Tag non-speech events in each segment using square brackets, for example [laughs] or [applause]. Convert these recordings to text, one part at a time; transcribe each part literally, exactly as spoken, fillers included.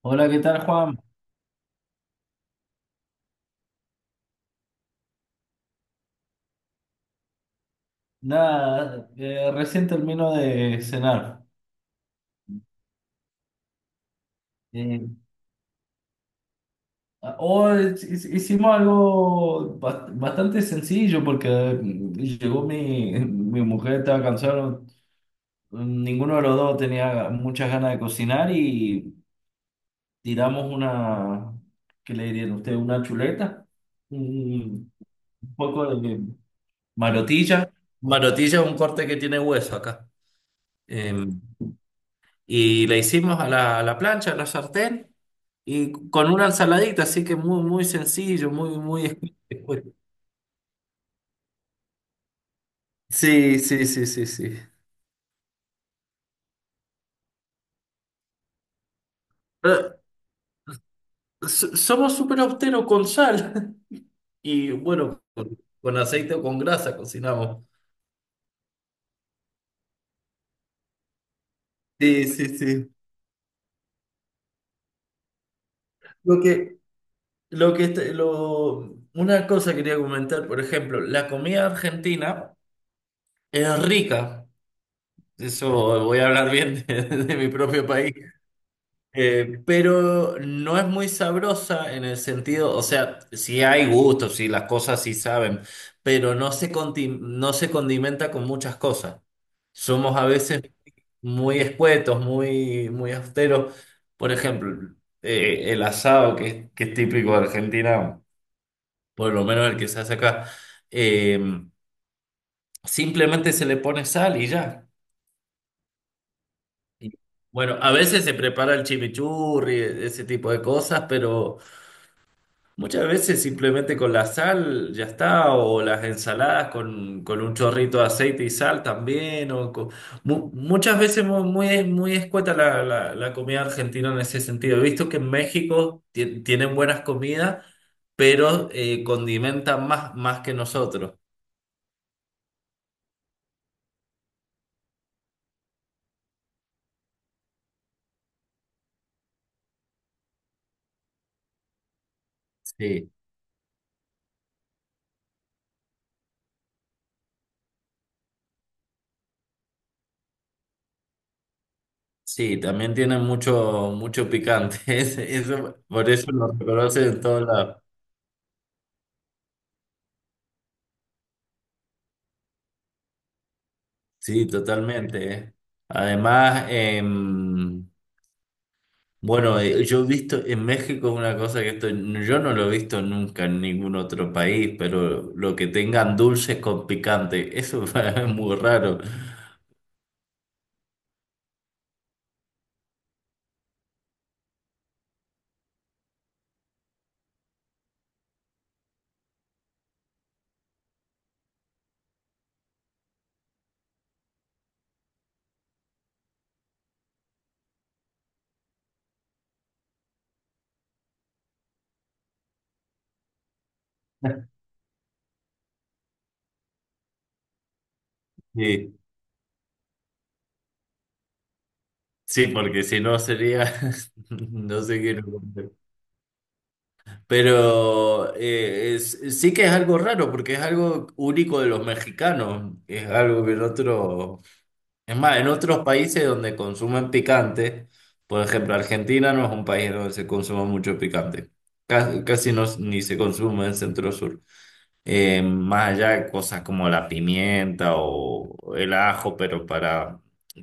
Hola, ¿qué tal, Juan? Nada, eh, recién termino de cenar. Eh, hoy hi- hicimos algo ba- bastante sencillo porque mm, llegó mi, [laughs] mi mujer, estaba cansada, ninguno de los dos tenía muchas ganas de cocinar y tiramos una, ¿qué le dirían ustedes? Una chuleta, un poco de marotilla. Marotilla es un corte que tiene hueso acá. Em, y la hicimos a la, a la plancha, a la sartén. Y con una ensaladita, así que muy, muy sencillo, muy, muy... [laughs] Sí, sí, sí, sí, sí. Pero so- somos súper austeros con sal [laughs] y bueno, con, con aceite o con grasa cocinamos. Sí, sí, sí. Lo que, lo que, este- lo, una cosa quería comentar, por ejemplo, la comida argentina es rica. Eso voy a hablar bien [laughs] de, de mi propio país. Eh, pero no es muy sabrosa en el sentido, o sea, sí hay gustos, sí las cosas sí saben, pero no se conti- no se condimenta con muchas cosas. Somos a veces muy escuetos, muy, muy austeros. Por ejemplo, eh, el asado, que, que es típico de Argentina, por lo menos el que se hace acá, eh, simplemente se le pone sal y ya. Y, Bueno, a veces se prepara el chimichurri, ese tipo de cosas, pero... Muchas veces simplemente con la sal ya está, o las ensaladas con, con un chorrito de aceite y sal también, o co- mu- muchas veces mu- muy, muy, escueta la, la- la comida argentina en ese sentido. He visto que en México ti- tienen buenas comidas, pero eh, condimentan más, más que nosotros. Sí, sí, también tienen mucho, mucho picante, [laughs] Es- eso, por eso lo reconocen en todos lados. Sí, totalmente. eh. Además, em, Bueno, eh, yo he visto en México una cosa que esto, yo no lo he visto nunca en ningún otro país, pero lo que tengan dulces con picante, eso [laughs] es muy raro. Sí, sí, porque si no sería, [laughs] no sé qué. no- Pero eh, es- sí que es algo raro, porque es algo único de los mexicanos. es algo que en otros Es más, en otros países donde consumen picante, por ejemplo, Argentina no es un país donde se consuma mucho picante. Casi, casi no, s- ni se consume en Centro Sur. Eh, más allá de cosas como la pimienta o el ajo, pero para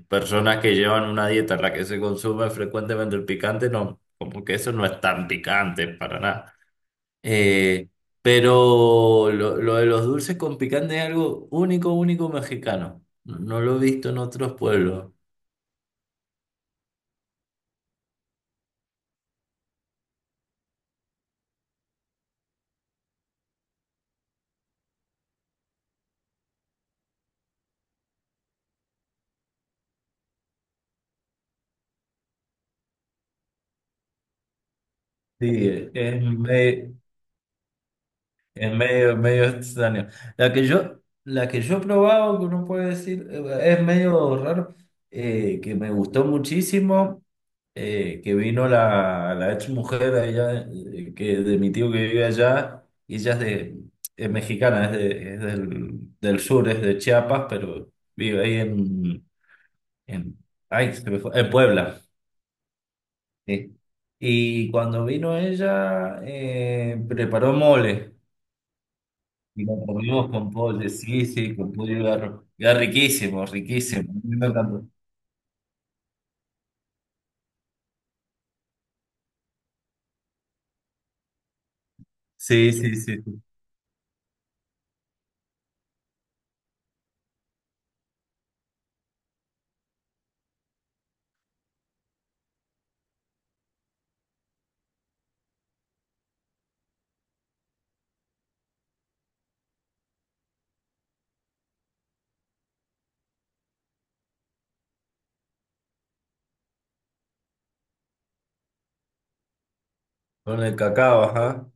personas que llevan una dieta en la que se consume frecuentemente el picante, no, como que eso no es tan picante para nada. Eh, pero lo, lo de los dulces con picante es algo único, único mexicano. No no lo he visto en otros pueblos. Sí, es medio, es medio, medio extraño. La que yo, la que yo he probado, que uno puede decir, eh, es medio raro, eh, que me gustó muchísimo, eh, que vino la, la ex mujer de allá, eh, que, de mi tío que vive allá, y ella es, de, es mexicana, es, de- es del, del sur, es de Chiapas, pero vive ahí en, en, ay, se me fue, en Puebla. Sí. Y cuando vino ella, eh, preparó mole. Y lo comimos con pollo, sí, sí, con pollo era, era riquísimo, riquísimo. A mí me encantó. Sí, sí, sí. Sí. Con el cacao, ajá.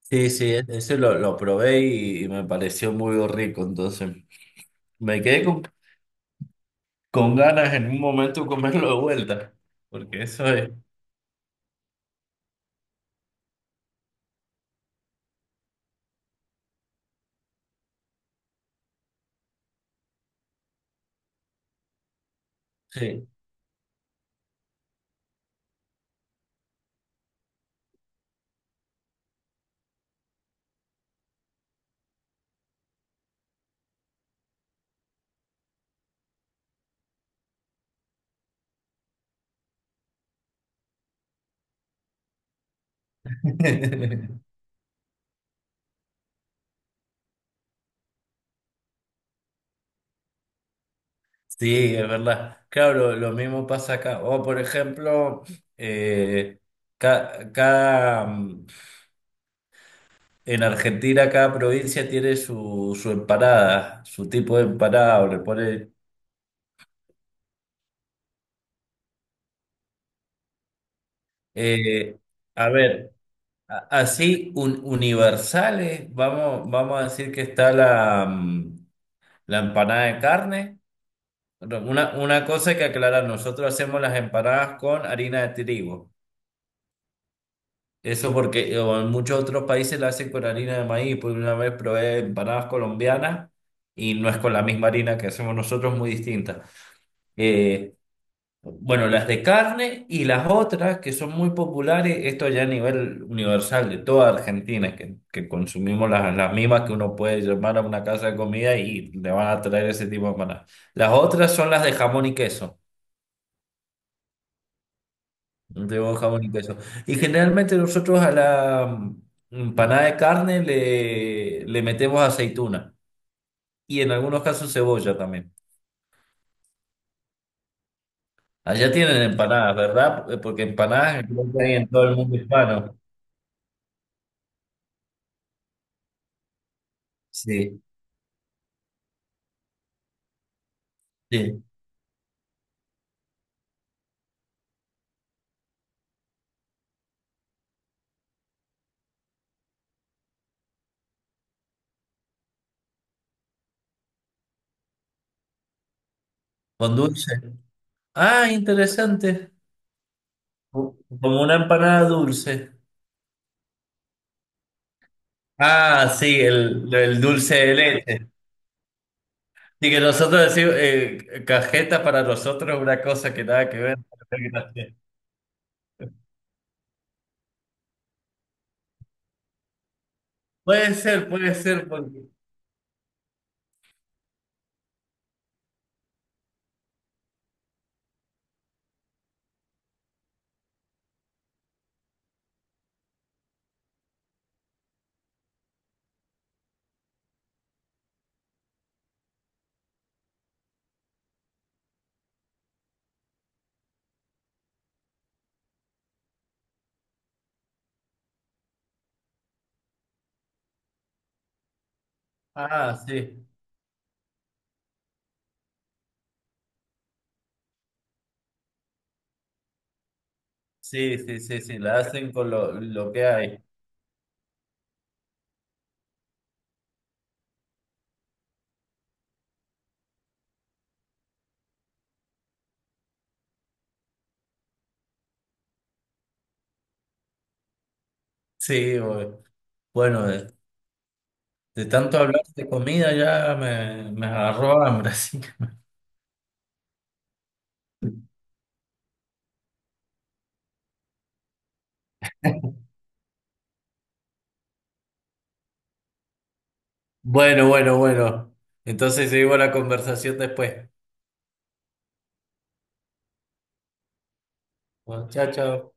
Sí, sí, ese lo, lo probé y, y me pareció muy rico. Entonces, me quedé con, con, ganas en un momento comerlo de vuelta. Porque eso es. Sí. [laughs] Sí, es verdad. Claro, lo, lo mismo pasa acá. O, por ejemplo, eh, ca- cada, En Argentina cada provincia tiene su, su empanada, su tipo de empanada, o le pone... eh, a ver, a- así un- universales, vamos, vamos a decir que está la, mm, la empanada de carne. Bueno, Una, una cosa que aclarar, nosotros hacemos las empanadas con harina de trigo. Eso porque eh, en muchos otros países la hacen con harina de maíz, porque una vez probé empanadas colombianas y no es con la misma harina que hacemos nosotros, muy distinta. Eh, Bueno, las de carne y las otras que son muy populares, esto ya a nivel universal de toda Argentina, que, que consumimos las, las mismas que uno puede llamar a una casa de comida y le van a traer ese tipo de empanadas. Las otras son las de jamón y queso, de jamón y queso. Y generalmente nosotros a la mm, empanada de carne le, le metemos aceituna y en algunos casos cebolla también. Allá tienen empanadas, ¿verdad? Porque empanadas creo que hay en todo el mundo hispano. Sí. Sí. Con dulce. Ah, interesante. Co- Como una empanada dulce. Ah, sí, el, el dulce de leche. Y que nosotros decimos, eh, cajeta para nosotros es una cosa que nada que ver. Puede ser, puede ser, porque... Ah, sí, sí, sí, sí, sí, la hacen con lo, lo que hay. Sí, o- bueno, de, de tanto hablar de comida ya me, me agarró hambre, [laughs] así que- Bueno, bueno, bueno. Entonces seguimos la conversación después. Bueno, chao, chao.